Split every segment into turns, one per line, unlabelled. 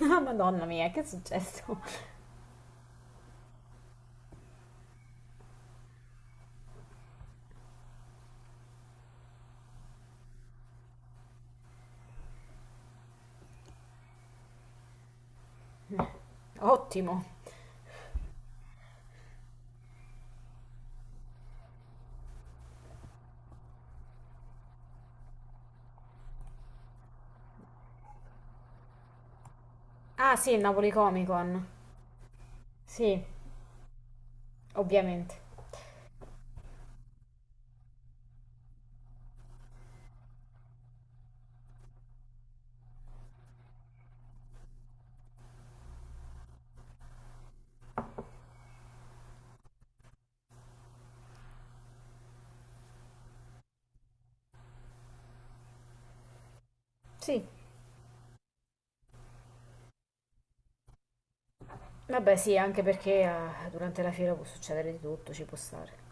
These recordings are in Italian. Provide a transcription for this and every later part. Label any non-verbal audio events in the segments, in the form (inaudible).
Ah, (laughs) Madonna mia, che è successo? (laughs) Ottimo. Ah sì, il Napoli Comic Con. Sì, ovviamente. Sì. Vabbè sì, anche perché durante la fiera può succedere di tutto, ci può stare.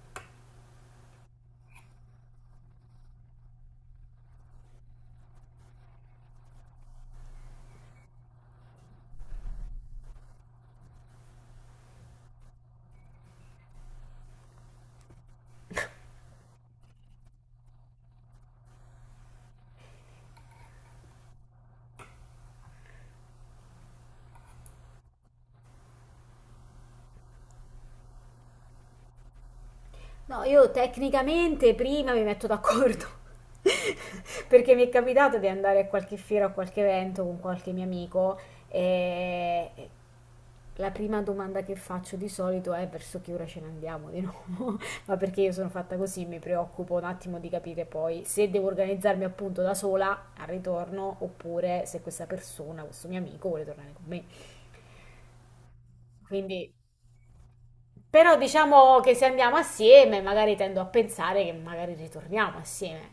No, io tecnicamente prima mi metto d'accordo, (laughs) perché mi è capitato di andare a qualche fiera o a qualche evento con qualche mio amico e la prima domanda che faccio di solito è verso che ora ce ne andiamo di nuovo, (laughs) ma perché io sono fatta così, mi preoccupo un attimo di capire poi se devo organizzarmi appunto da sola al ritorno oppure se questa persona, questo mio amico vuole tornare con me. Quindi però diciamo che se andiamo assieme, magari tendo a pensare che magari ritorniamo assieme,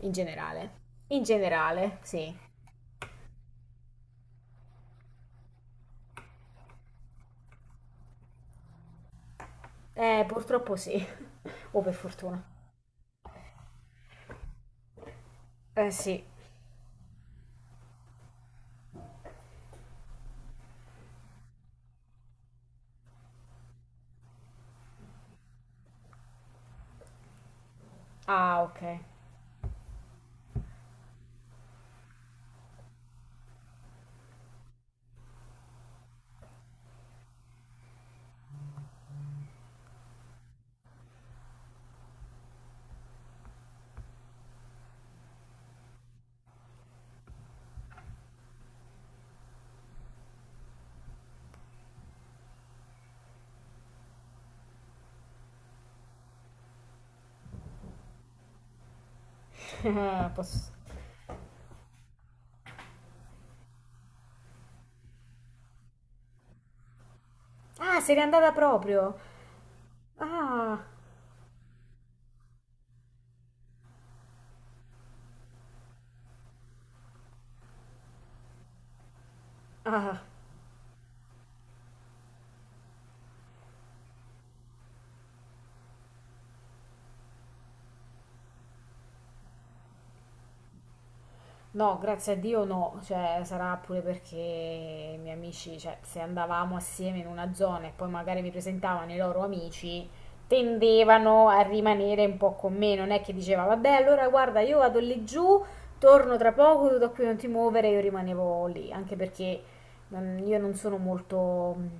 in generale. In generale, sì. Purtroppo sì. (laughs) O per fortuna. Eh sì. Ah, ok. (laughs) Posso- Ah, se n'è andata proprio. Ah, ah. No, grazie a Dio no, cioè sarà pure perché i miei amici, cioè se andavamo assieme in una zona e poi magari mi presentavano i loro amici, tendevano a rimanere un po' con me, non è che diceva vabbè allora guarda io vado lì giù, torno tra poco, tu da qui non ti muovere, io rimanevo lì, anche perché io non sono molto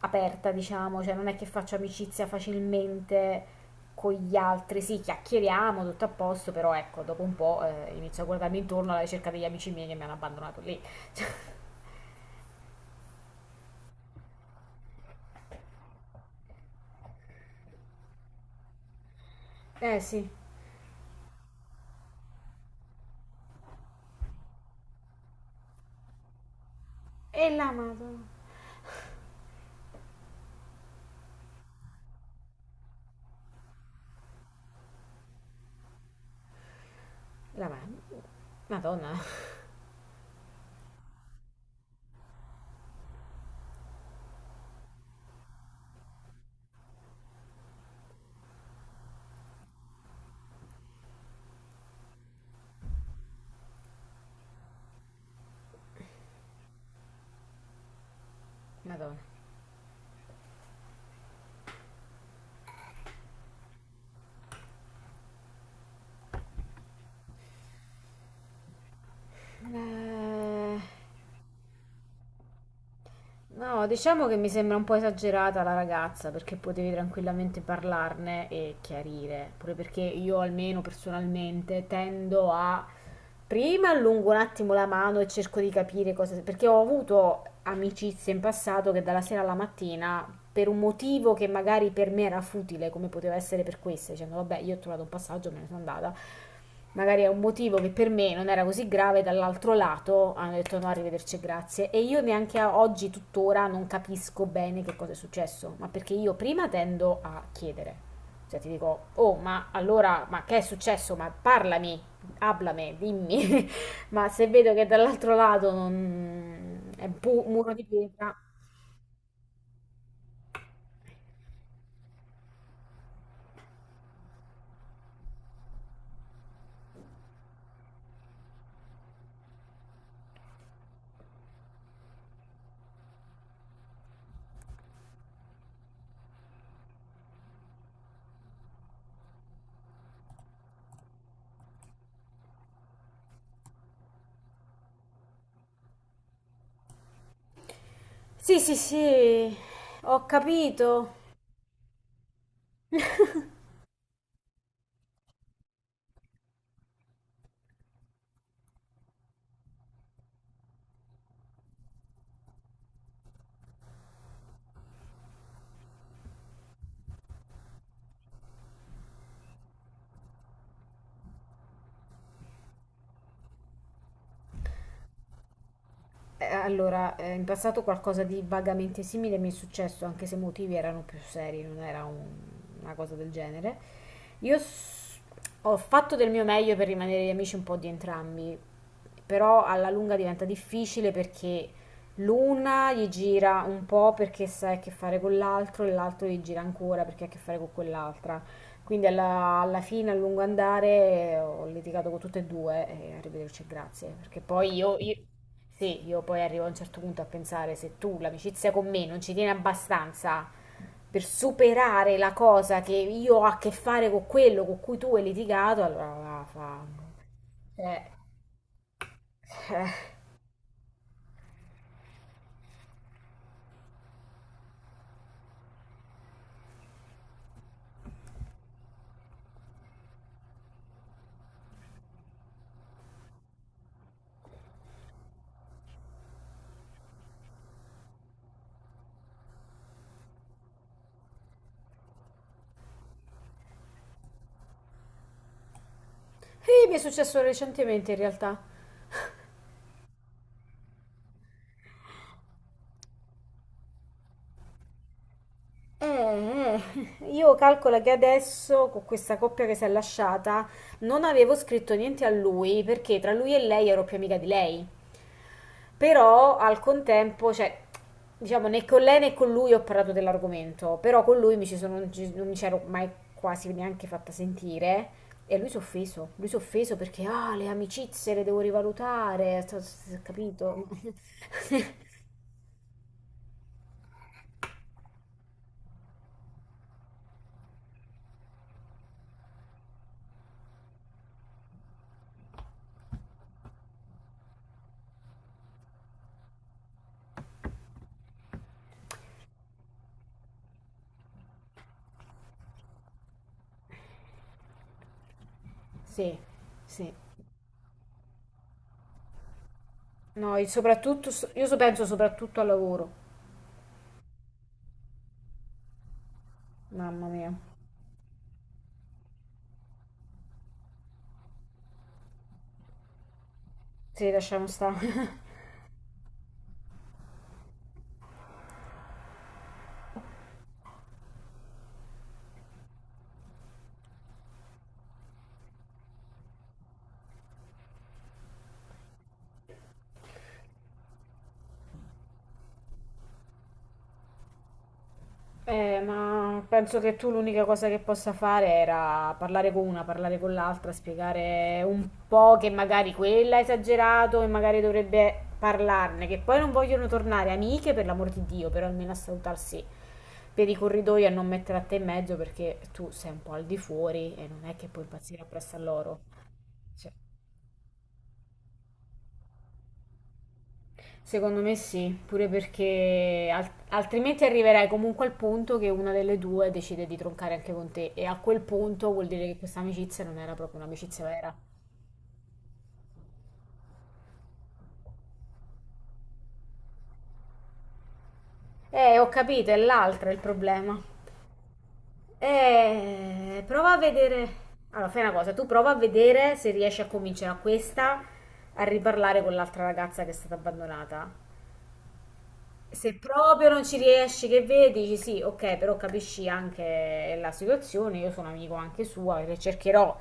aperta, diciamo, cioè non è che faccio amicizia facilmente, con gli altri, sì, chiacchieriamo, tutto a posto, però ecco, dopo un po' inizio a guardarmi intorno alla ricerca degli amici miei che mi hanno abbandonato lì. (laughs) Eh sì. E la madonna. La madonna. Madonna. Eh, No, diciamo che mi sembra un po' esagerata la ragazza perché potevi tranquillamente parlarne e chiarire, pure perché io almeno personalmente tendo a prima allungo un attimo la mano e cerco di capire cosa, perché ho avuto amicizie in passato che dalla sera alla mattina per un motivo che magari per me era futile, come poteva essere per questa, dicendo vabbè io ho trovato un passaggio, me ne sono andata, magari è un motivo che per me non era così grave, dall'altro lato hanno detto no, arrivederci, grazie. E io neanche a oggi, tuttora, non capisco bene che cosa è successo, ma perché io prima tendo a chiedere. Cioè ti dico, oh, ma allora, ma che è successo? Ma parlami, hablame, dimmi. (laughs) Ma se vedo che dall'altro lato non è un muro di pietra. Sì, sì, sì, ho capito. Allora, in passato qualcosa di vagamente simile mi è successo, anche se i motivi erano più seri, non era una cosa del genere. Io ho fatto del mio meglio per rimanere gli amici un po' di entrambi, però alla lunga diventa difficile perché l'una gli gira un po' perché sa che ha a che fare con l'altro e l'altro gli gira ancora perché ha a che fare con quell'altra. Quindi alla fine, a lungo andare, ho litigato con tutte e due e arrivederci e grazie, perché poi sì, io poi arrivo a un certo punto a pensare se tu l'amicizia con me non ci tieni abbastanza per superare la cosa che io ho a che fare con quello con cui tu hai litigato, allora va, fa. Eh. Eh. E mi è successo recentemente in realtà. Eh, eh, io calcolo che adesso con questa coppia che si è lasciata non avevo scritto niente a lui perché tra lui e lei ero più amica di lei. Però al contempo, cioè, diciamo, né con lei né con lui ho parlato dell'argomento, però con lui mi ci sono, non mi c'ero mai quasi neanche fatta sentire e lui si è offeso, lui si è offeso perché ah, le amicizie le devo rivalutare, capito? (laughs) Sì, sì. No, il soprattutto, penso soprattutto al lavoro. Mamma mia. Sì, lasciamo stare. (laughs) Ma penso che tu l'unica cosa che possa fare era parlare con una, parlare con l'altra, spiegare un po' che magari quella ha esagerato e magari dovrebbe parlarne, che poi non vogliono tornare amiche per l'amor di Dio, però almeno a salutarsi per i corridoi e a non mettere a te in mezzo perché tu sei un po' al di fuori e non è che puoi impazzire appresso a loro. Cioè, secondo me sì, pure perché altrimenti arriverai comunque al punto che una delle due decide di troncare anche con te e a quel punto vuol dire che questa amicizia non era proprio un'amicizia vera. Ho capito, è l'altra il problema. Prova a vedere. Allora, fai una cosa, tu prova a vedere se riesci a convincere a questa a riparlare con l'altra ragazza che è stata abbandonata. Se proprio non ci riesci, che vedi, dici sì, ok, però capisci anche la situazione, io sono amico anche sua, perché cercherò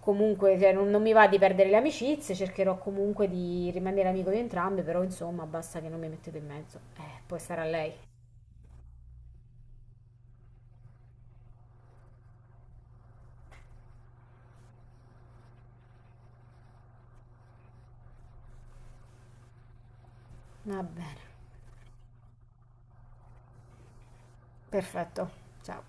comunque, cioè, non mi va di perdere le amicizie, cercherò comunque di rimanere amico di entrambi, però insomma basta che non mi mettete in mezzo. Poi sarà lei. Va bene, perfetto, ciao.